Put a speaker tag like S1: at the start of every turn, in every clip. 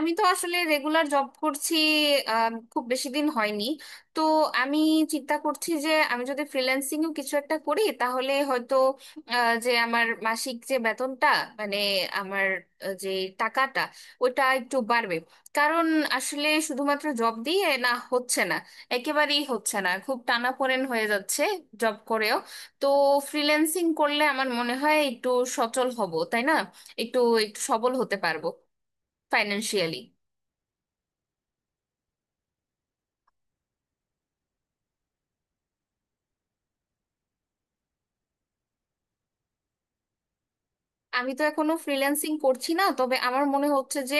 S1: আমি তো আসলে রেগুলার জব করছি, খুব বেশি দিন হয়নি। তো আমি চিন্তা করছি যে আমি যদি ফ্রিল্যান্সিং ও কিছু একটা করি তাহলে হয়তো আহ, যে আমার মাসিক যে বেতনটা মানে আমার যে টাকাটা ওটা একটু বাড়বে। কারণ আসলে শুধুমাত্র জব দিয়ে না, হচ্ছে না, একেবারেই হচ্ছে না, খুব টানাপোড়েন হয়ে যাচ্ছে জব করেও। তো ফ্রিল্যান্সিং করলে আমার মনে হয় একটু সচল হব, তাই না? একটু একটু সবল হতে পারবো ফাইন্যান্সিয়ালি। আমি তো এখনো ফ্রিল্যান্সিং করছি না, তবে আমার মনে হচ্ছে যে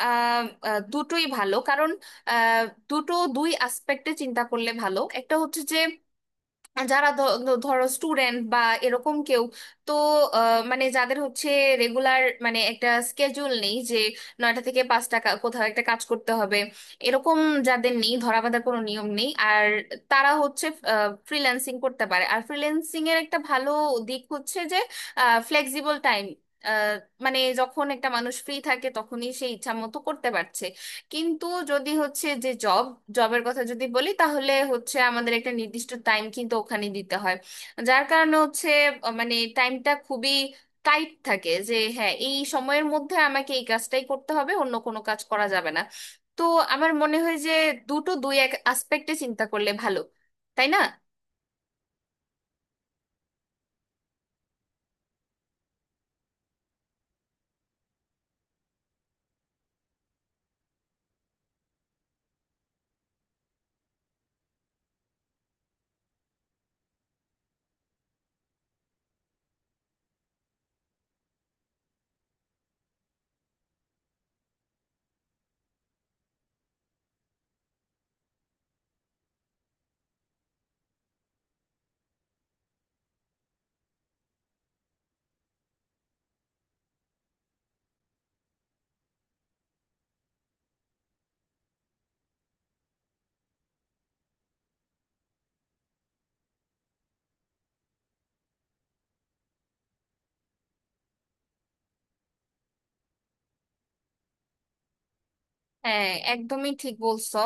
S1: আহ, দুটোই ভালো। কারণ আহ, দুটো দুই আসপেক্টে চিন্তা করলে ভালো। একটা হচ্ছে যে যারা ধরো স্টুডেন্ট বা এরকম কেউ, তো মানে যাদের হচ্ছে রেগুলার মানে একটা স্কেজুল নেই, যে 9টা থেকে 5টা কোথাও একটা কাজ করতে হবে এরকম, যাদের নেই, ধরা বাঁধার কোনো নিয়ম নেই, আর তারা হচ্ছে ফ্রিল্যান্সিং করতে পারে। আর ফ্রিল্যান্সিং এর একটা ভালো দিক হচ্ছে যে ফ্লেক্সিবল টাইম, মানে যখন একটা মানুষ ফ্রি থাকে তখনই সে ইচ্ছা মতো করতে পারছে। কিন্তু যদি হচ্ছে যে জবের কথা যদি বলি, তাহলে হচ্ছে আমাদের একটা নির্দিষ্ট টাইম কিন্তু ওখানে দিতে হয়। যার কারণে হচ্ছে মানে টাইমটা খুবই টাইট থাকে, যে হ্যাঁ এই সময়ের মধ্যে আমাকে এই কাজটাই করতে হবে, অন্য কোনো কাজ করা যাবে না। তো আমার মনে হয় যে দুটো দুই এক আসপেক্টে চিন্তা করলে ভালো, তাই না? হ্যাঁ, একদমই ঠিক বলছো।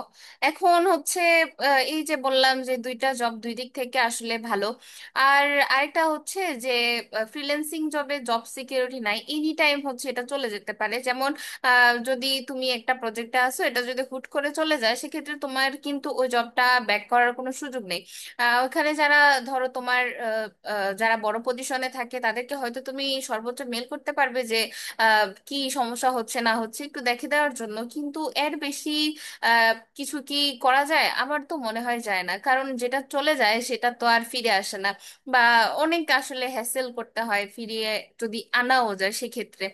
S1: এখন হচ্ছে এই যে বললাম যে দুইটা জব দুই দিক থেকে আসলে ভালো। আর আরেকটা হচ্ছে যে ফ্রিল্যান্সিং জবে জব সিকিউরিটি নাই, এনি টাইম হচ্ছে এটা চলে যেতে পারে, যেমন যদি তুমি একটা প্রজেক্টে আসো, এটা যদি হুট করে চলে যায় সেক্ষেত্রে তোমার কিন্তু ওই জবটা ব্যাক করার কোনো সুযোগ নেই। ওখানে যারা, ধরো তোমার যারা বড় পজিশনে থাকে তাদেরকে হয়তো তুমি সর্বোচ্চ মেল করতে পারবে, যে আহ, কি সমস্যা হচ্ছে না হচ্ছে একটু দেখে দেওয়ার জন্য, কিন্তু এর বেশি আহ, কিছু কি করা যায়? আমার তো মনে হয় যায় না, কারণ যেটা চলে যায় সেটা তো আর ফিরে আসে না, বা অনেক আসলে হ্যাসেল করতে হয় ফিরিয়ে যদি আনাও যায় সেক্ষেত্রে।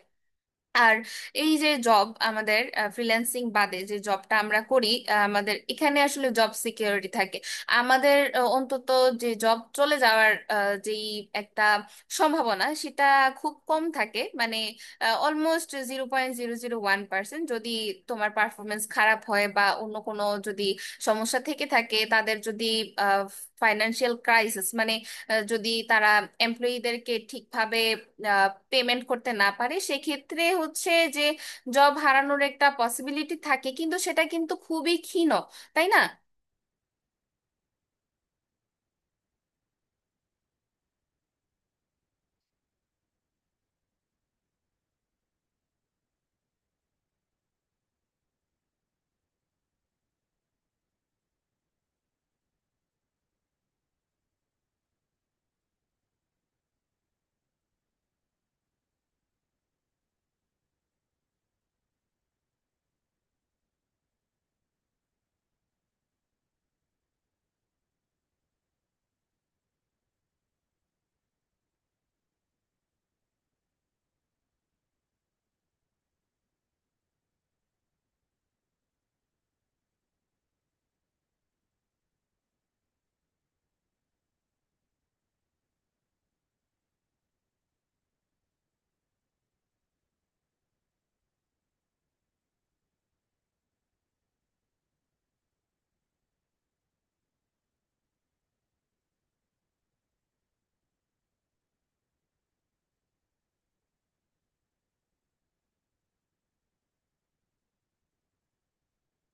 S1: আর এই যে জব, আমাদের ফ্রিল্যান্সিং বাদে যে জবটা আমরা করি, আমাদের এখানে আসলে জব সিকিউরিটি থাকে। আমাদের অন্তত যে জব চলে যাওয়ার যেই একটা সম্ভাবনা সেটা খুব কম থাকে, মানে অলমোস্ট 0.001%। যদি তোমার পারফরমেন্স খারাপ হয় বা অন্য কোনো যদি সমস্যা থেকে থাকে, তাদের যদি ফাইনান্সিয়াল ক্রাইসিস মানে যদি তারা এমপ্লয়ীদেরকে ঠিকভাবে পেমেন্ট করতে না পারে সেক্ষেত্রে হচ্ছে যে জব হারানোর একটা পসিবিলিটি থাকে, কিন্তু সেটা কিন্তু খুবই ক্ষীণ, তাই না?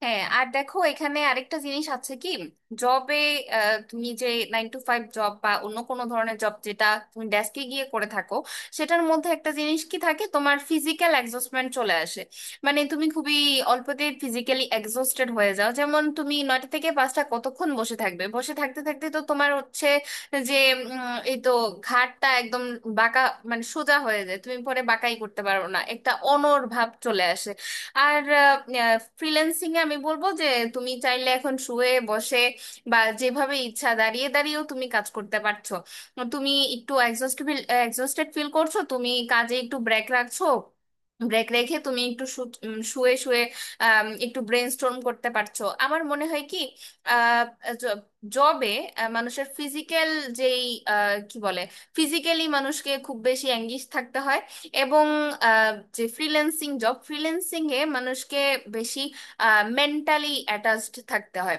S1: হ্যাঁ, আর দেখো এখানে আরেকটা জিনিস আছে, কি জবে তুমি যে 9টা থেকে 5টা জব বা অন্য কোনো ধরনের জব যেটা তুমি ডেস্কে গিয়ে করে থাকো, সেটার মধ্যে একটা জিনিস কি থাকে, তোমার ফিজিক্যাল এক্সস্টমেন্ট চলে আসে। মানে তুমি খুবই অল্পতে ফিজিক্যালি এক্সস্টেড হয়ে যাও, যেমন তুমি 9টা থেকে পাঁচটা কতক্ষণ বসে থাকবে, বসে থাকতে থাকতে তো তোমার হচ্ছে যে এই তো ঘাড়টা একদম বাঁকা মানে সোজা হয়ে যায়, তুমি পরে বাঁকাই করতে পারো না, একটা অনড় ভাব চলে আসে। আর ফ্রিল্যান্সিং এ আমি বলবো যে তুমি চাইলে এখন শুয়ে বসে বা যেভাবে ইচ্ছা দাঁড়িয়ে দাঁড়িয়েও তুমি কাজ করতে পারছো। তুমি একটু এক্সস্টেড ফিল করছো, তুমি কাজে একটু ব্রেক রাখছো, ব্রেক রেখে তুমি একটু শুয়ে শুয়ে একটু ব্রেনস্টর্ম করতে পারছো। আমার মনে হয় কি, জবে মানুষের ফিজিক্যাল যেই কি বলে, ফিজিক্যালি মানুষকে খুব বেশি অ্যাঙ্গিশ থাকতে হয়। এবং আহ, যে ফ্রিল্যান্সিং এ মানুষকে বেশি মেন্টালি অ্যাটাচড থাকতে হয়।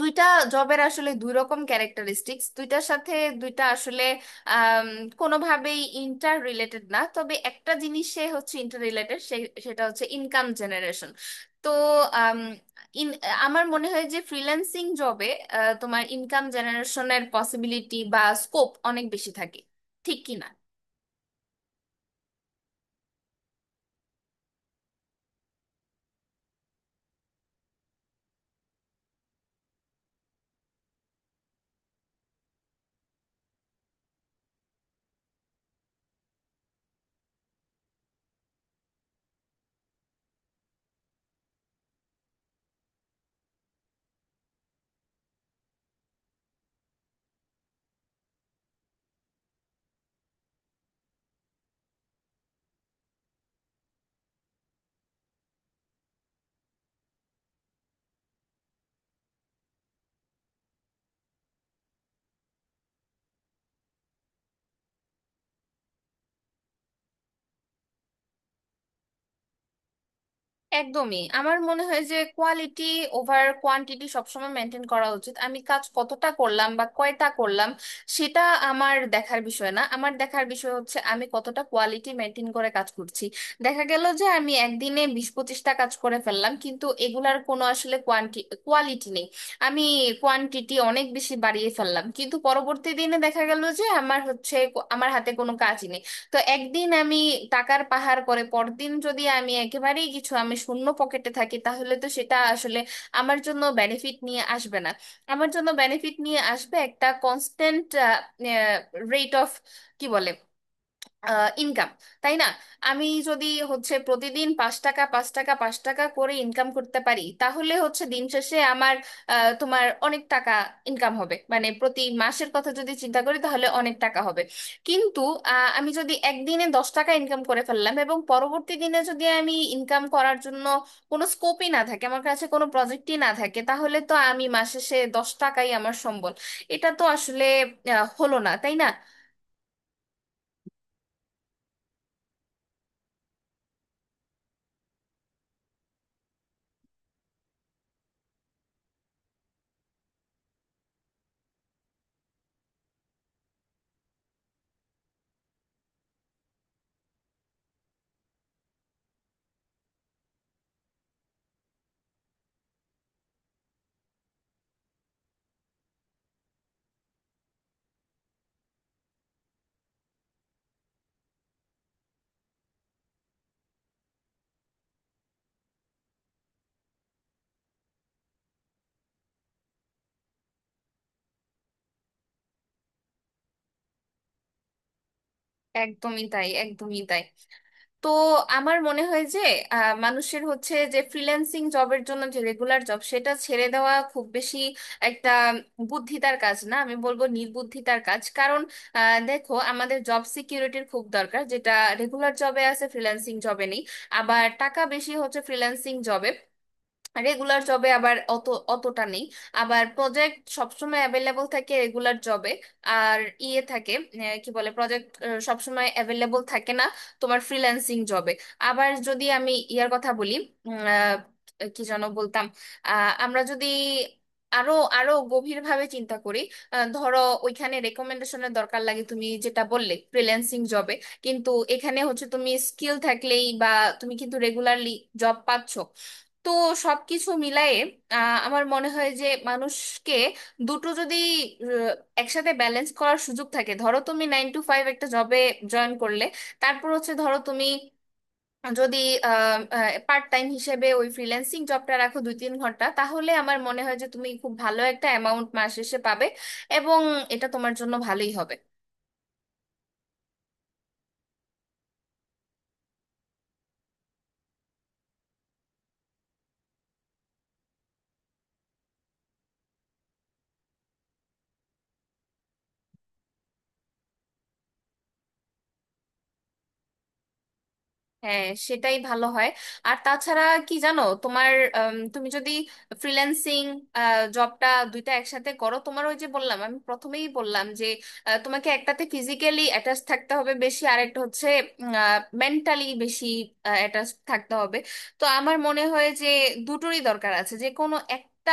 S1: দুইটা জবের আসলে দুই রকম ক্যারেক্টারিস্টিক্স, দুইটার সাথে দুইটা আসলে আম, কোনোভাবেই ইন্টার রিলেটেড না, তবে একটা জিনিসে হচ্ছে ইন্টার রিলেটেড, সেটা হচ্ছে ইনকাম জেনারেশন। তো আম, ইন আমার মনে হয় যে ফ্রিল্যান্সিং জবে তোমার ইনকাম জেনারেশনের পসিবিলিটি বা স্কোপ অনেক বেশি থাকে, ঠিক কি না? একদমই। আমার মনে হয় যে কোয়ালিটি ওভার কোয়ান্টিটি সবসময় মেনটেন করা উচিত। আমি কাজ কতটা করলাম বা কয়টা করলাম সেটা আমার দেখার বিষয় না, আমার দেখার বিষয় হচ্ছে আমি কতটা কোয়ালিটি মেনটেন করে কাজ করছি। দেখা গেল যে আমি একদিনে 20-25টা কাজ করে ফেললাম কিন্তু এগুলার কোনো আসলে কোয়ালিটি নেই। আমি কোয়ান্টিটি অনেক বেশি বাড়িয়ে ফেললাম, কিন্তু পরবর্তী দিনে দেখা গেল যে আমার হচ্ছে আমার হাতে কোনো কাজ নেই। তো একদিন আমি টাকার পাহাড় করে পরদিন যদি আমি একেবারেই কিছু, আমি শূন্য পকেটে থাকি, তাহলে তো সেটা আসলে আমার জন্য বেনিফিট নিয়ে আসবে না। আমার জন্য বেনিফিট নিয়ে আসবে একটা কনস্ট্যান্ট রেট অফ, কি বলে, ইনকাম, তাই না? আমি যদি হচ্ছে প্রতিদিন 5 টাকা 5 টাকা 5 টাকা করে ইনকাম করতে পারি, তাহলে হচ্ছে দিন শেষে আমার তোমার অনেক টাকা ইনকাম হবে, মানে প্রতি মাসের কথা যদি চিন্তা করি তাহলে অনেক টাকা হবে। কিন্তু আমি যদি একদিনে 10 টাকা ইনকাম করে ফেললাম, এবং পরবর্তী দিনে যদি আমি ইনকাম করার জন্য কোনো স্কোপই না থাকে, আমার কাছে কোনো প্রজেক্টই না থাকে, তাহলে তো আমি মাস শেষে 10 টাকাই আমার সম্বল। এটা তো আসলে হলো না, তাই না? একদমই তাই, একদমই তাই। তো আমার মনে হয় যে মানুষের হচ্ছে যে ফ্রিল্যান্সিং জবের জন্য যে রেগুলার জব সেটা ছেড়ে দেওয়া খুব বেশি একটা বুদ্ধিতার কাজ না, আমি বলবো নির্বুদ্ধিতার কাজ। কারণ দেখো, আমাদের জব সিকিউরিটির খুব দরকার, যেটা রেগুলার জবে আছে ফ্রিল্যান্সিং জবে নেই। আবার টাকা বেশি হচ্ছে ফ্রিল্যান্সিং জবে, রেগুলার জবে আবার অতটা নেই। আবার প্রজেক্ট সবসময় অ্যাভেলেবল থাকে রেগুলার জবে, আর ইয়ে থাকে, কি বলে, প্রজেক্ট সবসময় অ্যাভেলেবল থাকে না তোমার ফ্রিল্যান্সিং জবে। আবার যদি আমি ইয়ার কথা বলি, কি যেন বলতাম, আমরা যদি আরো আরো গভীরভাবে চিন্তা করি, ধরো ওইখানে রেকমেন্ডেশনের দরকার লাগে, তুমি যেটা বললে ফ্রিল্যান্সিং জবে, কিন্তু এখানে হচ্ছে তুমি স্কিল থাকলেই বা তুমি কিন্তু রেগুলারলি জব পাচ্ছ। তো সবকিছু মিলায়ে আমার মনে হয় যে মানুষকে দুটো যদি আহ, একসাথে ব্যালেন্স করার সুযোগ থাকে, ধরো তুমি 9টা থেকে 5টা একটা জবে জয়েন করলে, তারপর হচ্ছে ধরো তুমি যদি পার্ট টাইম হিসেবে ওই ফ্রিল্যান্সিং জবটা রাখো 2-3 ঘন্টা, তাহলে আমার মনে হয় যে তুমি খুব ভালো একটা অ্যামাউন্ট মাস শেষে পাবে, এবং এটা তোমার জন্য ভালোই হবে। হ্যাঁ সেটাই ভালো হয়। আর তাছাড়া কি জানো তোমার, তুমি যদি ফ্রিল্যান্সিং জবটা দুইটা একসাথে করো, তোমার ওই যে বললাম, আমি প্রথমেই বললাম যে তোমাকে একটাতে ফিজিক্যালি অ্যাটাচ থাকতে হবে বেশি, আর একটা হচ্ছে মেন্টালি বেশি অ্যাটাচ থাকতে হবে। তো আমার মনে হয় যে দুটোরই দরকার আছে। যে কোনো একটা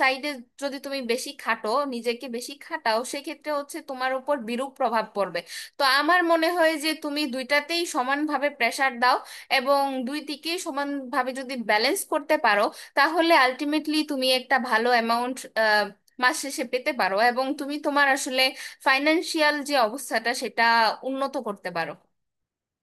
S1: সাইডে যদি তুমি বেশি খাটো, নিজেকে বেশি খাটাও, সেক্ষেত্রে হচ্ছে তোমার উপর বিরূপ প্রভাব পড়বে। তো আমার মনে হয় যে তুমি দুইটাতেই সমানভাবে প্রেসার দাও, এবং দুই দিকেই সমানভাবে যদি ব্যালেন্স করতে পারো, তাহলে আলটিমেটলি তুমি একটা ভালো অ্যামাউন্ট মাস শেষে পেতে পারো, এবং তুমি তোমার আসলে ফাইনান্সিয়াল যে অবস্থাটা সেটা উন্নত করতে পারো।